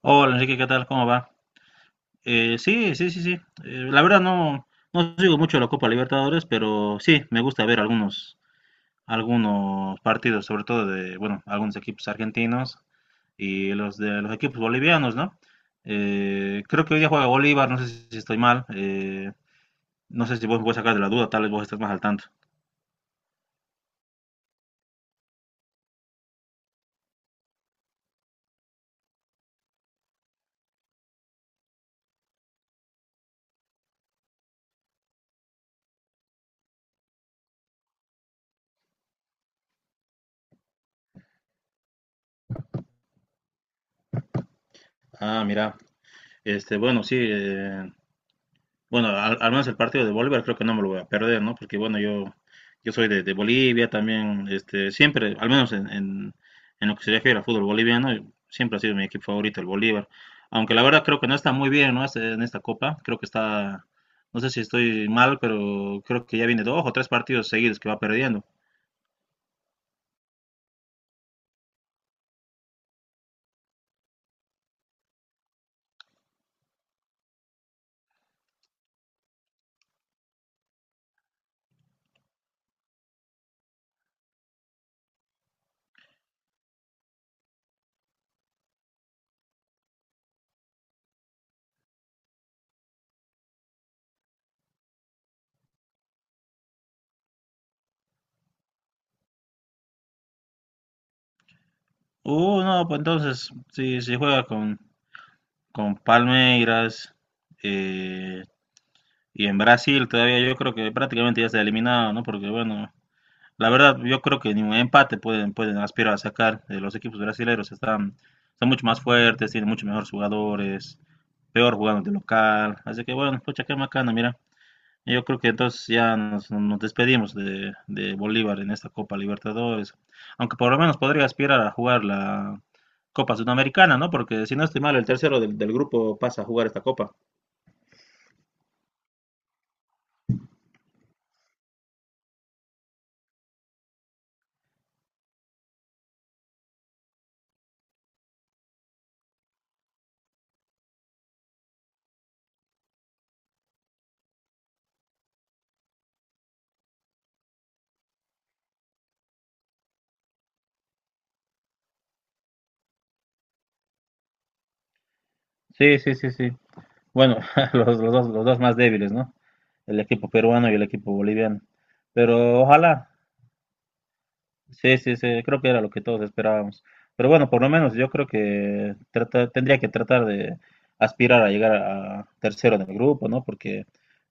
Hola Enrique, ¿qué tal? ¿Cómo va? Sí, sí, sí, sí. La verdad no, no sigo mucho la Copa Libertadores, pero sí, me gusta ver algunos partidos, sobre todo de, bueno, algunos equipos argentinos y los de los equipos bolivianos, ¿no? Creo que hoy día juega Bolívar, no sé si estoy mal, no sé si vos me puedes sacar de la duda, tal vez vos estés más al tanto. Ah, mira, este, bueno, sí, bueno, al menos el partido de Bolívar creo que no me lo voy a perder, ¿no? Porque bueno, yo soy de Bolivia también, este, siempre, al menos en lo que se refiere al fútbol boliviano, siempre ha sido mi equipo favorito el Bolívar. Aunque la verdad creo que no está muy bien, ¿no? En esta copa, creo que está, no sé si estoy mal, pero creo que ya viene dos o tres partidos seguidos que va perdiendo. No, pues entonces, si juega con Palmeiras eh, y en Brasil todavía yo creo que prácticamente ya está eliminado, ¿no? Porque bueno, la verdad, yo creo que ni un empate pueden, pueden aspirar a sacar. Los equipos brasileños están, son mucho más fuertes, tienen mucho mejores jugadores, peor jugando de local. Así que bueno, pucha, qué macana, mira. Yo creo que entonces ya nos despedimos de Bolívar en esta Copa Libertadores. Aunque por lo menos podría aspirar a jugar la Copa Sudamericana, ¿no? Porque si no estoy mal, el tercero del grupo pasa a jugar esta Copa. Sí, sí, sí, sí. Bueno, los dos más débiles, ¿no? El equipo peruano y el equipo boliviano. Pero ojalá, sí, sí, sí, creo que era lo que todos esperábamos. Pero bueno, por lo menos yo creo que tendría que tratar de aspirar a llegar a tercero en el grupo, ¿no? Porque,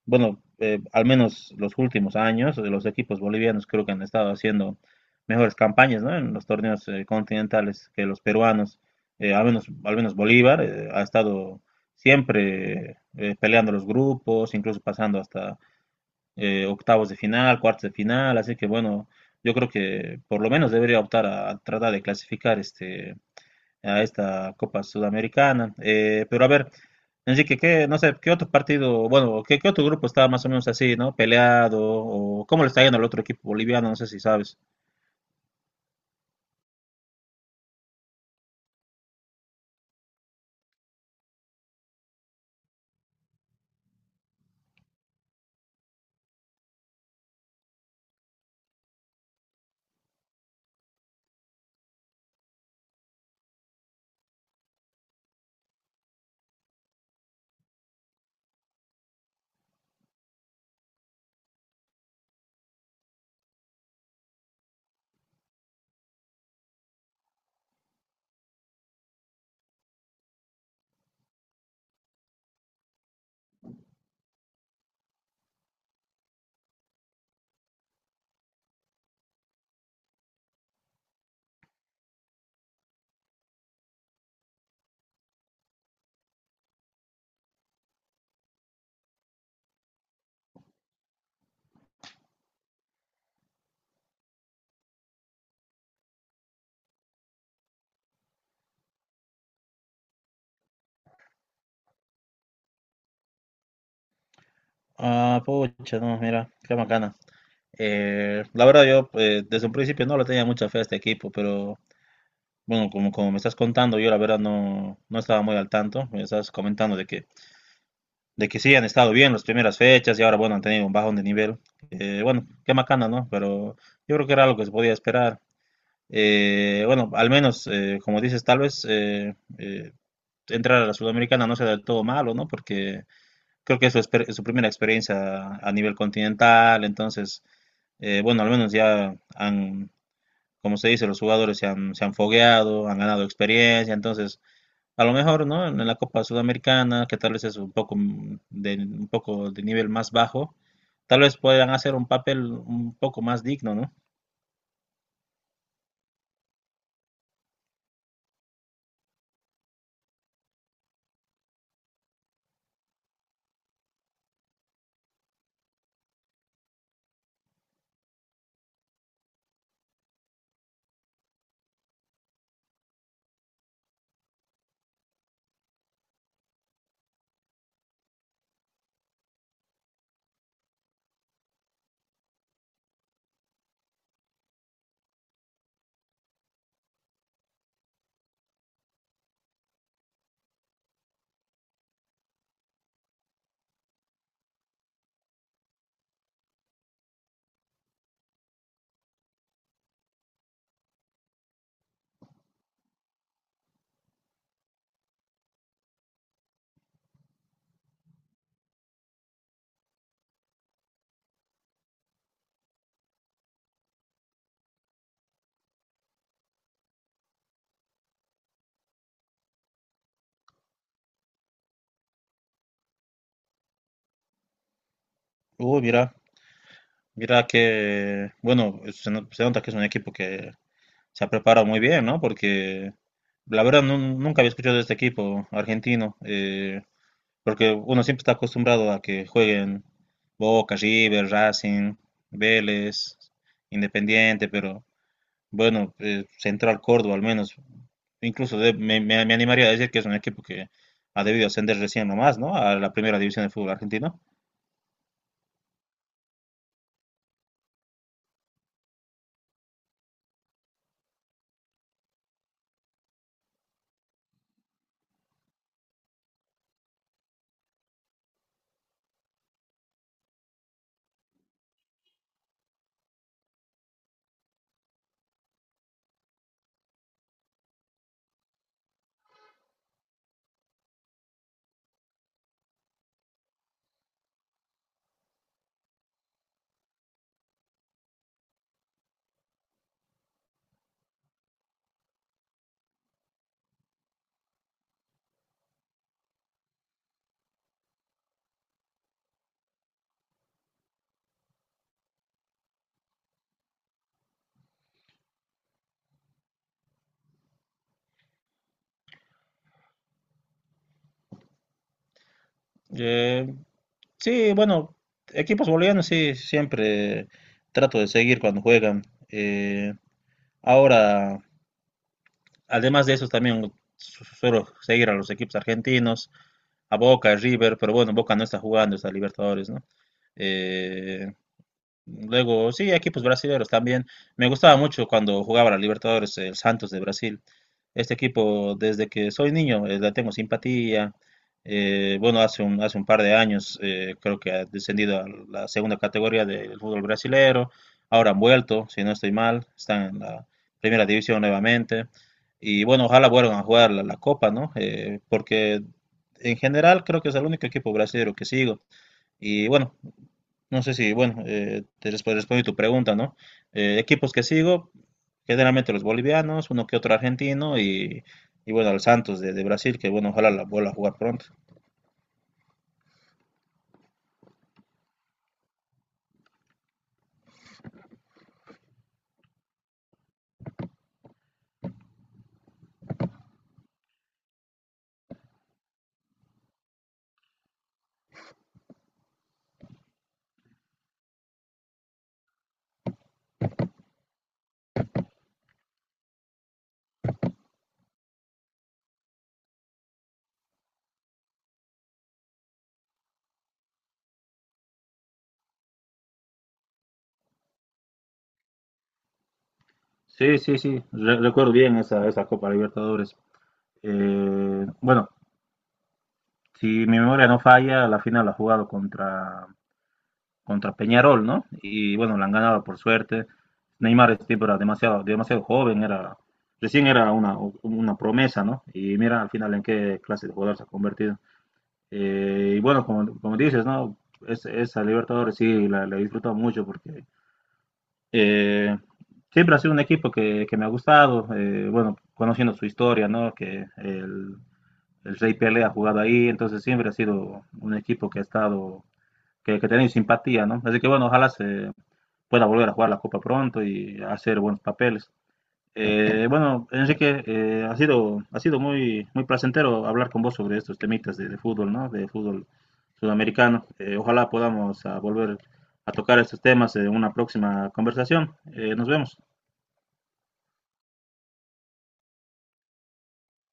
bueno, al menos los últimos años de los equipos bolivianos creo que han estado haciendo mejores campañas, ¿no? En los torneos continentales que los peruanos. Al menos Bolívar ha estado siempre peleando los grupos, incluso pasando octavos de final, cuartos de final, así que bueno, yo creo que por lo menos debería optar a tratar de clasificar este, a esta Copa Sudamericana. Pero a ver, Enrique, qué, no sé, qué otro partido, bueno, qué, qué otro grupo está más o menos así, ¿no? Peleado, o cómo le está yendo al otro equipo boliviano, no sé si sabes. Ah, pucha, no, mira, qué bacana. La verdad yo desde un principio no le tenía mucha fe a este equipo, pero bueno, como, como me estás contando, yo la verdad no, no estaba muy al tanto. Me estás comentando de que sí han estado bien las primeras fechas y ahora, bueno, han tenido un bajón de nivel. Bueno, qué macana, ¿no? Pero yo creo que era lo que se podía esperar. Bueno, al menos, como dices, tal vez entrar a la Sudamericana no sea del todo malo, ¿no? Porque creo que es su, su primera experiencia a nivel continental, entonces, bueno, al menos ya han, como se dice, los jugadores se han fogueado, han ganado experiencia, entonces a lo mejor, ¿no? En la Copa Sudamericana, que tal vez es un poco un poco de nivel más bajo, tal vez puedan hacer un papel un poco más digno, ¿no? Uy, mira, mira que, bueno, se, se nota que es un equipo que se ha preparado muy bien, ¿no? Porque la verdad nunca había escuchado de este equipo argentino, porque uno siempre está acostumbrado a que jueguen Boca, River, Racing, Vélez, Independiente, pero bueno, Central Córdoba al menos, incluso me animaría a decir que es un equipo que ha debido ascender recién nomás, ¿no? A la primera división del fútbol argentino. Eh, sí, bueno, equipos bolivianos sí, siempre trato de seguir cuando juegan. Eh, Ahora, además de eso, también suelo seguir a los equipos argentinos, a Boca, a River, pero bueno, Boca no está jugando, está Libertadores, ¿no? Eh, Luego, sí, equipos brasileños también. Me gustaba mucho cuando jugaba la Libertadores, el Santos de Brasil. Este equipo, desde que soy niño, le tengo simpatía. Bueno, hace un par de años creo que ha descendido a la segunda categoría del fútbol brasilero. Ahora han vuelto, si no estoy mal, están en la primera división nuevamente. Y bueno, ojalá vuelvan a jugar la Copa, ¿no? Porque en general creo que es el único equipo brasileño que sigo. Y bueno, no sé si, bueno, te respondo tu pregunta, ¿no? Equipos que sigo, generalmente los bolivianos, uno que otro argentino y bueno, el Santos de Brasil, que bueno, ojalá la vuelva a jugar pronto. Sí, sí, sí, recuerdo bien esa Copa Libertadores. Bueno, si mi memoria no falla, la final la ha jugado contra Peñarol, ¿no? Y bueno, la han ganado por suerte. Neymar este tipo era demasiado, demasiado joven, era, recién era una promesa, ¿no? Y mira al final en qué clase de jugador se ha convertido. Y bueno, como, como dices, ¿no? Es, esa Libertadores sí la he disfrutado mucho porque eh, siempre ha sido un equipo que me ha gustado, bueno, conociendo su historia, ¿no? Que el Rey Pelé ha jugado ahí, entonces siempre ha sido un equipo que ha estado, que ha tenido simpatía, ¿no? Así que bueno, ojalá se, pueda volver a jugar la Copa pronto y hacer buenos papeles. Bueno, Enrique, ha sido muy, muy placentero hablar con vos sobre estos temitas de fútbol, ¿no? De fútbol sudamericano. Ojalá podamos volver a tocar estos temas en una próxima conversación. Nos vemos.